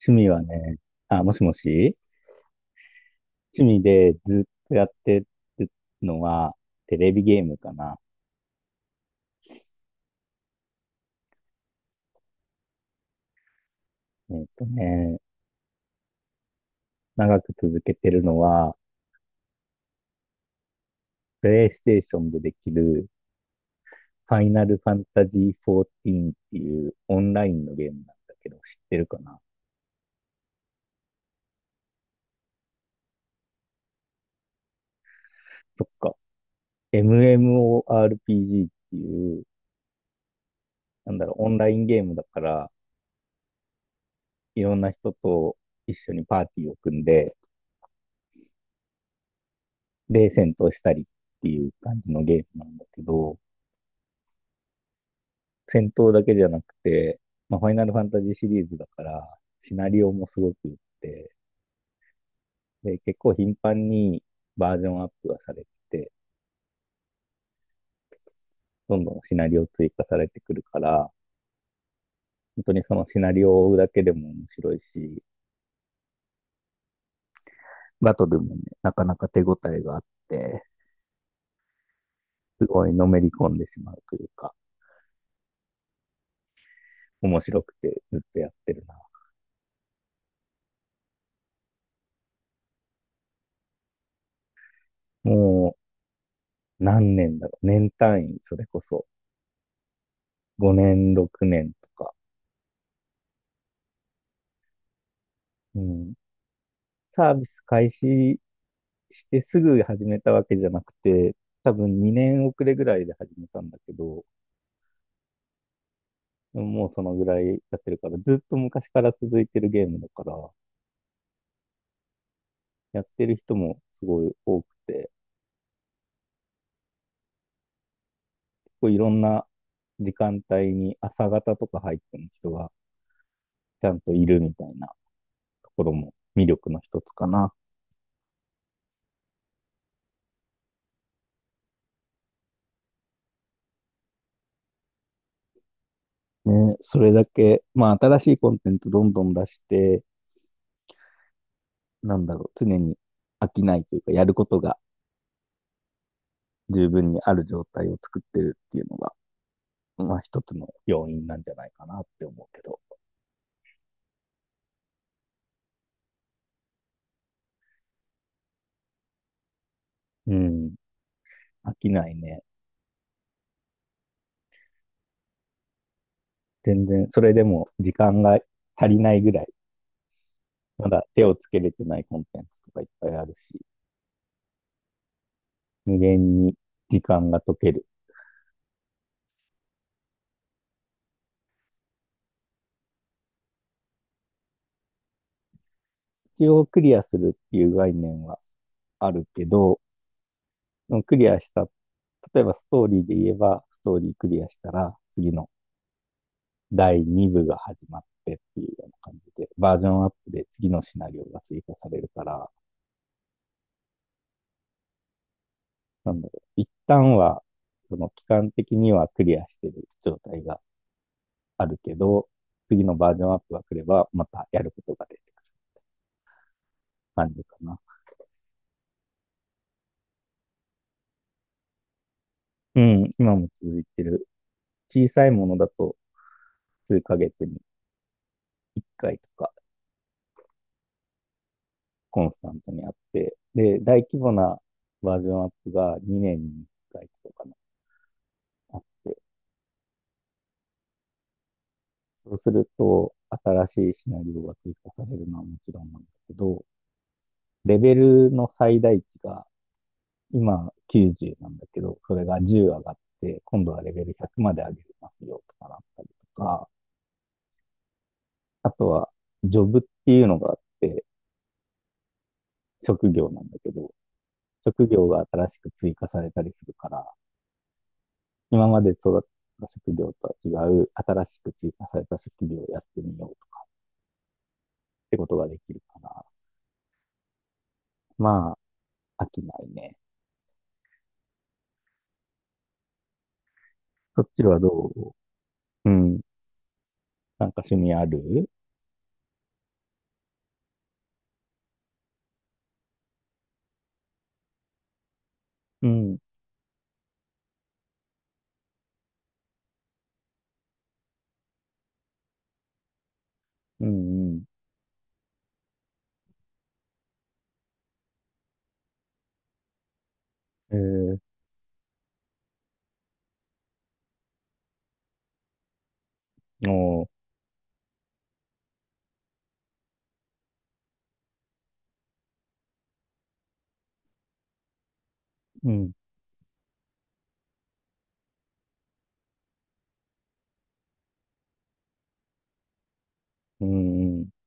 趣味はね、あ、もしもし。趣味でずっとやってるのは、テレビゲームかな。えっとね、長く続けてるのは、プレイステーションでできる、ファイナルファンタジー14っていうオンラインのゲームなんだけど、知ってるかな？そっか。MMORPG っていう、なんだろう、オンラインゲームだから、いろんな人と一緒にパーティーを組んで、で、戦闘したりっていう感じのゲームなんだけど、戦闘だけじゃなくて、まあ、ファイナルファンタジーシリーズだから、シナリオもすごくって、で、結構頻繁にバージョンアップがされてて、どんどんシナリオ追加されてくるから、本当にそのシナリオを追うだけでも面白いし、バトルもね、なかなか手応えがあって、すごいのめり込んでしまうというか、面白くてずっとやってるな。もう何年だろう。年単位、それこそ。5年、6年とか。うん。サービス開始してすぐ始めたわけじゃなくて、多分2年遅れぐらいで始めたんだけど、もうそのぐらいやってるから、ずっと昔から続いてるゲームだから、やってる人もすごい多くて、こういろんな時間帯に朝方とか入ってる人がちゃんといるみたいなところも魅力の一つかな。ね、それだけ、まあ新しいコンテンツどんどん出して、なんだろう、常に飽きないというか、やることが十分にある状態を作ってるっていうのが、まあ一つの要因なんじゃないかなって思うけど。うん。飽きないね。全然、それでも時間が足りないぐらい、まだ手をつけれてないコンテンツとかいっぱいあるし、無限に時間が解ける。一応クリアするっていう概念はあるけど、クリアした、例えばストーリーで言えば、ストーリークリアしたら、次の第2部が始まってっていうような感じで、バージョンアップで次のシナリオが追加されるから、なんだろう、一旦は、その期間的にはクリアしてる状態があるけど、次のバージョンアップが来れば、またやることが出る感じかな。うん、今も続いてる。小さいものだと、数ヶ月に1回とか、コンスタントにあって、で、大規模なバージョンアップが2年に1回とかかなあって、そうすると、新しいシナリオが追加されるのはもちろんなんだけど、レベルの最大値が今90なんだけど、それが10上がって、今度はレベル100まで上げますよとかなったりとか、あとは、ジョブっていうのがあって、職業なんだけど、職業が新しく追加されたりするから、今まで育った職業とは違う、新しく追加された職業をやってみようとかってことができるから、まあ、飽きないね。そっちはどう？うん。なんか趣味ある？うん、うん、うん。もう、うん、うん、うん。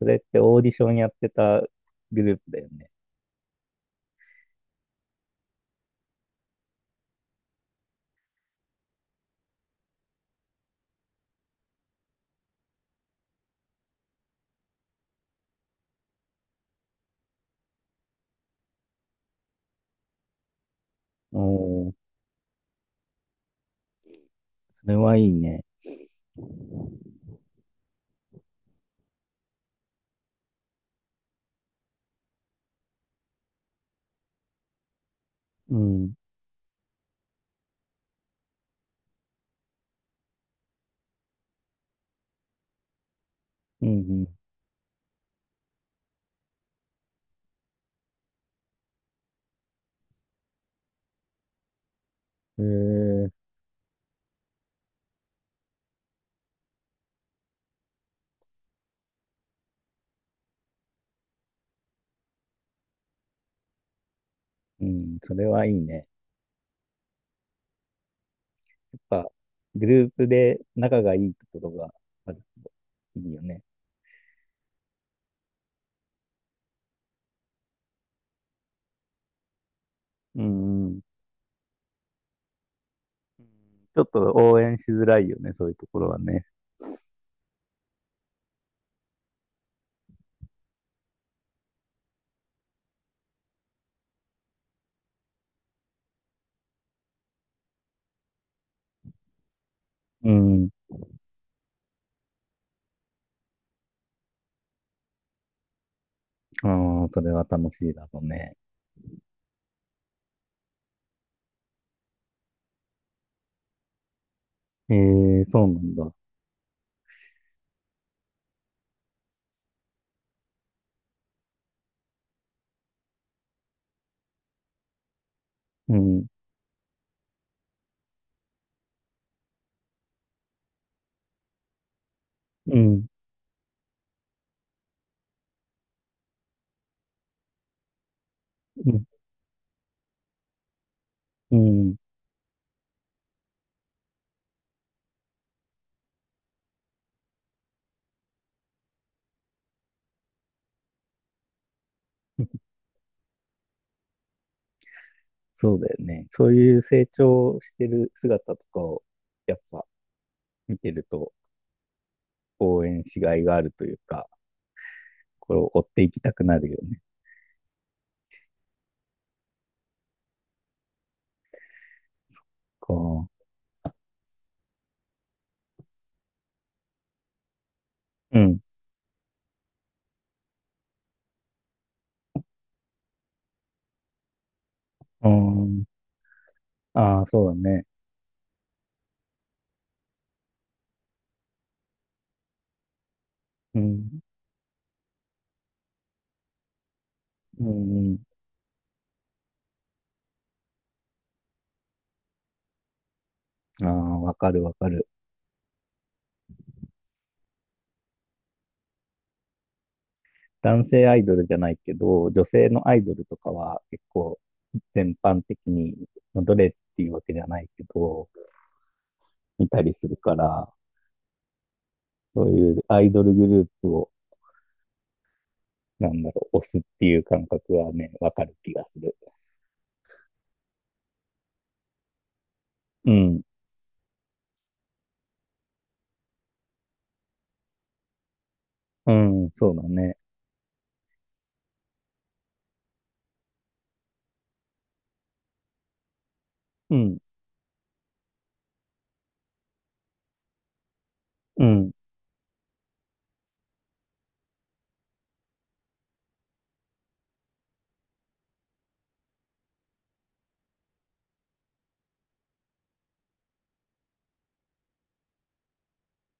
それってオーディションやってたグループだよね。おー、それはいいね。うん、うん、うん。へえ、うん、それはいいね。やっぱ、グループで仲がいいところがあるといいよね。うん、うん。ちょっと応援しづらいよね、そういうところはね。うん。ああ、それは楽しいだろうね。ええ、そうなんだ。うん、うん、うん、うん。そうだよね。そういう成長してる姿とかを、やっぱ見てると応援しがいがあるというか、これを追っていきたくなるよね。こう、うん、うん、ああ、そうだね。うん、うん、うん、ああ、わかるわかる。男性アイドルじゃないけど、女性のアイドルとかは結構全般的に、まあどれっていうわけじゃないけど、見たりするから、そういうアイドルグループを、なんだろう、押すっていう感覚はね、わかる気がする。うん、うん、そうだね。うん、うん、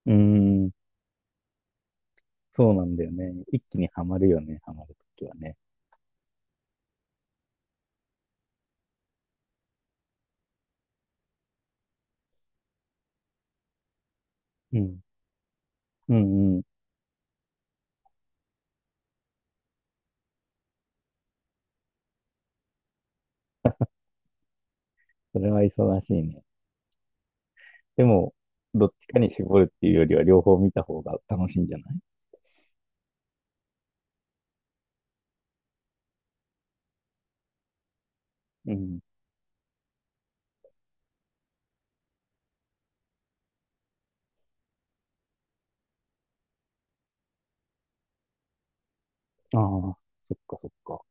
うん。そうなんだよね。一気にはまるよね、はまるときはね。うん。うんうん。それは忙しいね。でも、どっちかに絞るっていうよりは、両方見た方が楽しいんじゃない？うん。ああ、そっかそっか。